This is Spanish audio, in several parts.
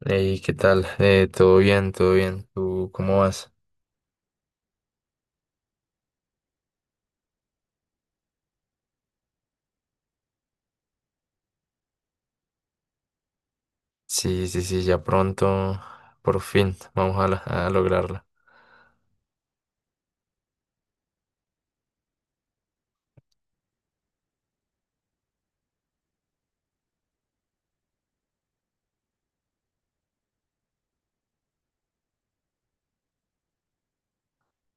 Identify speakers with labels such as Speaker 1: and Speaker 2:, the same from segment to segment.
Speaker 1: Hey, ¿qué tal? Todo bien, todo bien. ¿Tú cómo vas? Sí, sí, sí, ya pronto, por fin, a lograrla.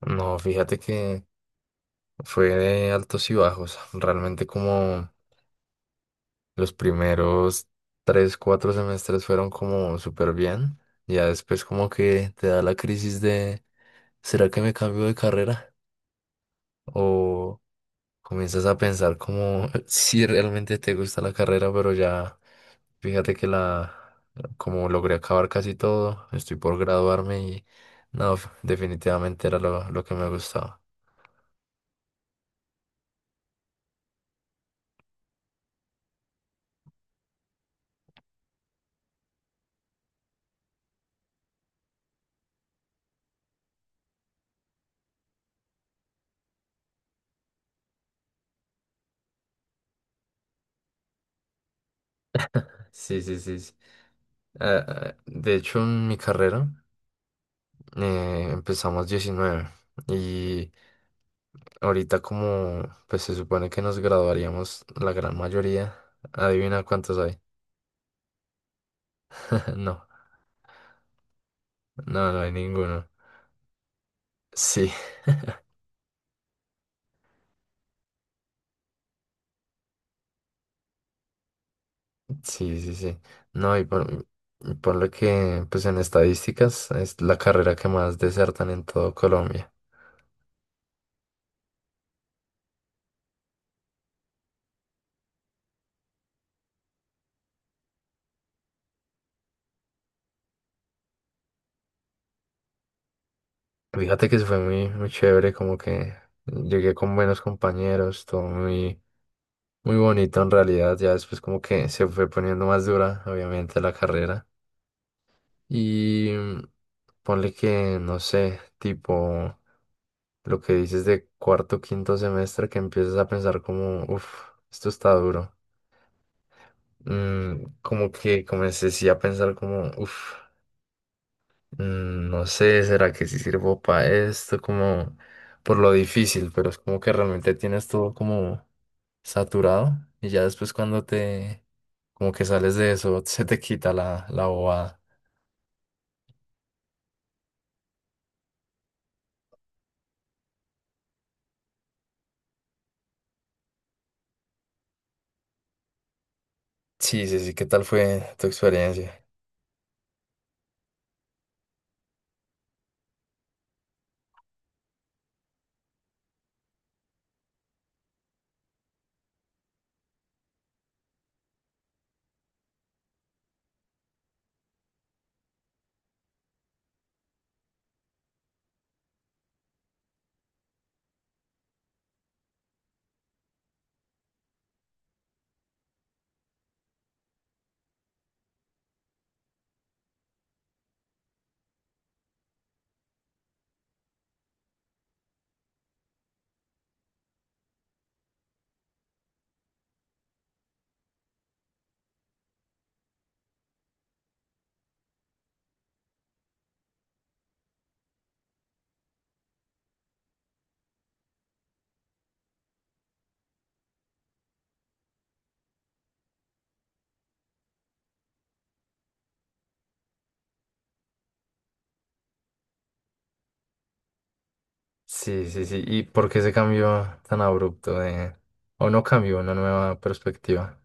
Speaker 1: No, fíjate que fue de altos y bajos. Realmente como los primeros tres, cuatro semestres fueron como súper bien. Ya después como que te da la crisis de, ¿será que me cambio de carrera? Comienzas a pensar como si realmente te gusta la carrera, pero ya fíjate que la, como logré acabar casi todo, estoy por graduarme y no, definitivamente era lo que me gustaba. Sí, sí, sí. Sí. De hecho, en mi carrera empezamos 19 y ahorita como pues se supone que nos graduaríamos la gran mayoría, adivina cuántos hay. No, no, no hay ninguno. Sí, sí, sí, sí. No, y por, Y por lo que, pues en estadísticas, es la carrera que más desertan en todo Colombia. Fíjate que eso fue muy, muy chévere, como que llegué con buenos compañeros, todo muy, muy bonito en realidad. Ya después como que se fue poniendo más dura, obviamente, la carrera. Y ponle que, no sé, tipo lo que dices de cuarto, quinto semestre, que empiezas a pensar como, uff, esto está duro. Como que comencé a pensar como, uff, no sé, ¿será que sí sirvo para esto? Como por lo difícil, pero es como que realmente tienes todo como saturado y ya después como que sales de eso, se te quita la bobada. Sí, sí, sí, ¿qué tal fue tu experiencia? Sí, sí, sí, ¿y por qué ese cambio tan abrupto de, o no cambió, una nueva perspectiva?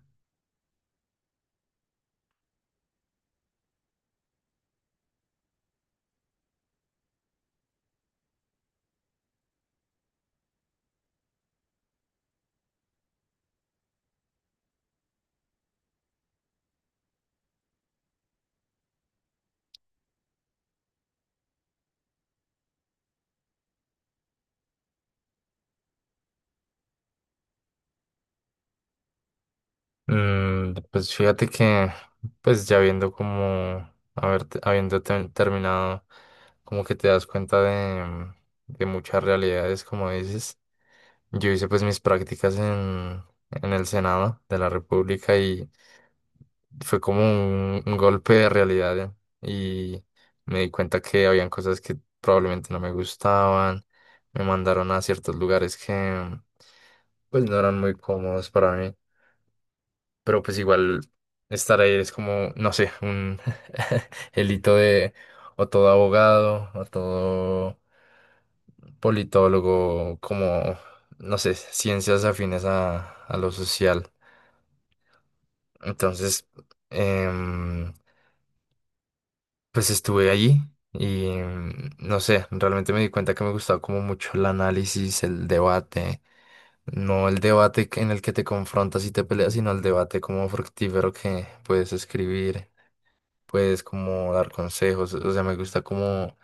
Speaker 1: Pues pues ya viendo como, haber, terminado, como que te das cuenta de muchas realidades, como dices. Yo hice pues mis prácticas en el Senado de la República y fue como un golpe de realidad ¿eh? Y me di cuenta que habían cosas que probablemente no me gustaban, me mandaron a ciertos lugares que pues no eran muy cómodos para mí, pero pues igual estar ahí es como, no sé, un el hito de o todo abogado o todo politólogo, como, no sé, ciencias afines a lo social. Entonces, em, pues estuve allí y no sé, realmente me di cuenta que me gustaba como mucho el análisis, el debate. No el debate en el que te confrontas y te peleas, sino el debate como fructífero que puedes escribir. Pues como dar consejos, o sea, me gusta como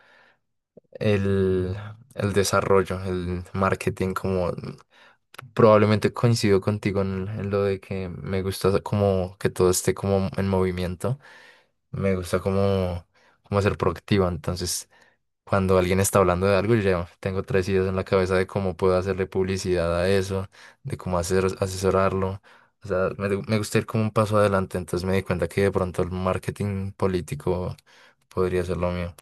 Speaker 1: el, el desarrollo, el marketing, como... Probablemente coincido contigo en lo de que me gusta como que todo esté como en movimiento. Me gusta como, como ser proactivo. Entonces, cuando alguien está hablando de algo, yo ya tengo tres ideas en la cabeza de cómo puedo hacerle publicidad a eso, de cómo hacer, asesorarlo. O sea, me gusta ir como un paso adelante. Entonces me di cuenta que de pronto el marketing político podría ser lo mío.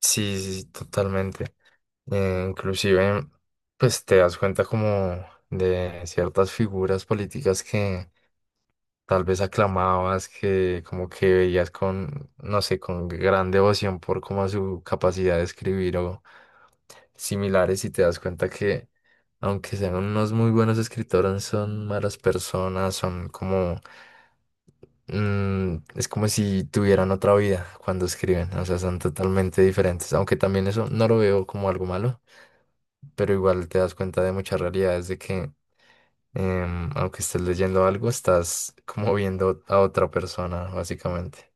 Speaker 1: Sí, sí, sí, totalmente. Inclusive, pues te das cuenta como de ciertas figuras políticas que tal vez aclamabas, que como que veías con, no sé, con gran devoción por como su capacidad de escribir o similares y te das cuenta que aunque sean unos muy buenos escritores, son malas personas, son como... Mm, es como si tuvieran otra vida cuando escriben, o sea, son totalmente diferentes, aunque también eso no lo veo como algo malo, pero igual te das cuenta de muchas realidades de que aunque estés leyendo algo, estás como viendo a otra persona, básicamente.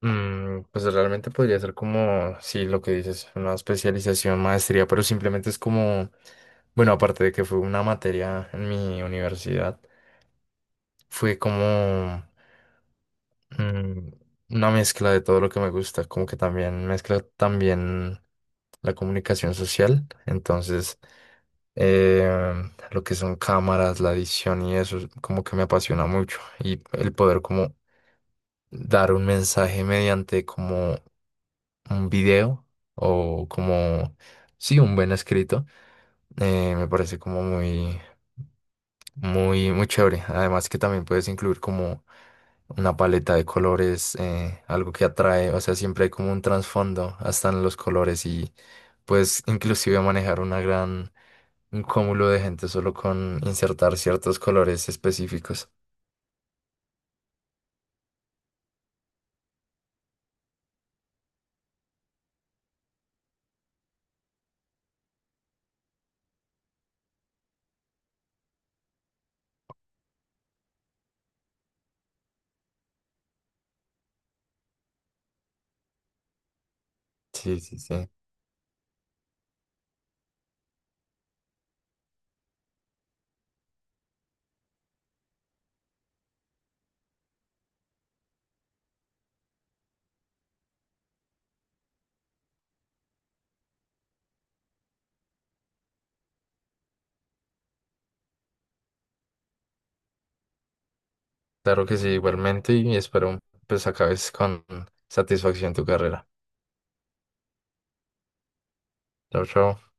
Speaker 1: Pues realmente podría ser como, sí, lo que dices, una especialización, maestría, pero simplemente es como, bueno, aparte de que fue una materia en mi universidad, fue como... mm, una mezcla de todo lo que me gusta, como que también mezcla también la comunicación social, entonces eh, lo que son cámaras, la edición y eso, como que me apasiona mucho y el poder como dar un mensaje mediante como un video o como, sí, un buen escrito, me parece como muy... Muy, muy chévere. Además que también puedes incluir como una paleta de colores, algo que atrae, o sea, siempre hay como un trasfondo hasta en los colores y puedes inclusive manejar un cúmulo de gente solo con insertar ciertos colores específicos. Sí, sí, sí. Claro que sí, igualmente y espero pues acabes con satisfacción tu carrera. Chao, chao.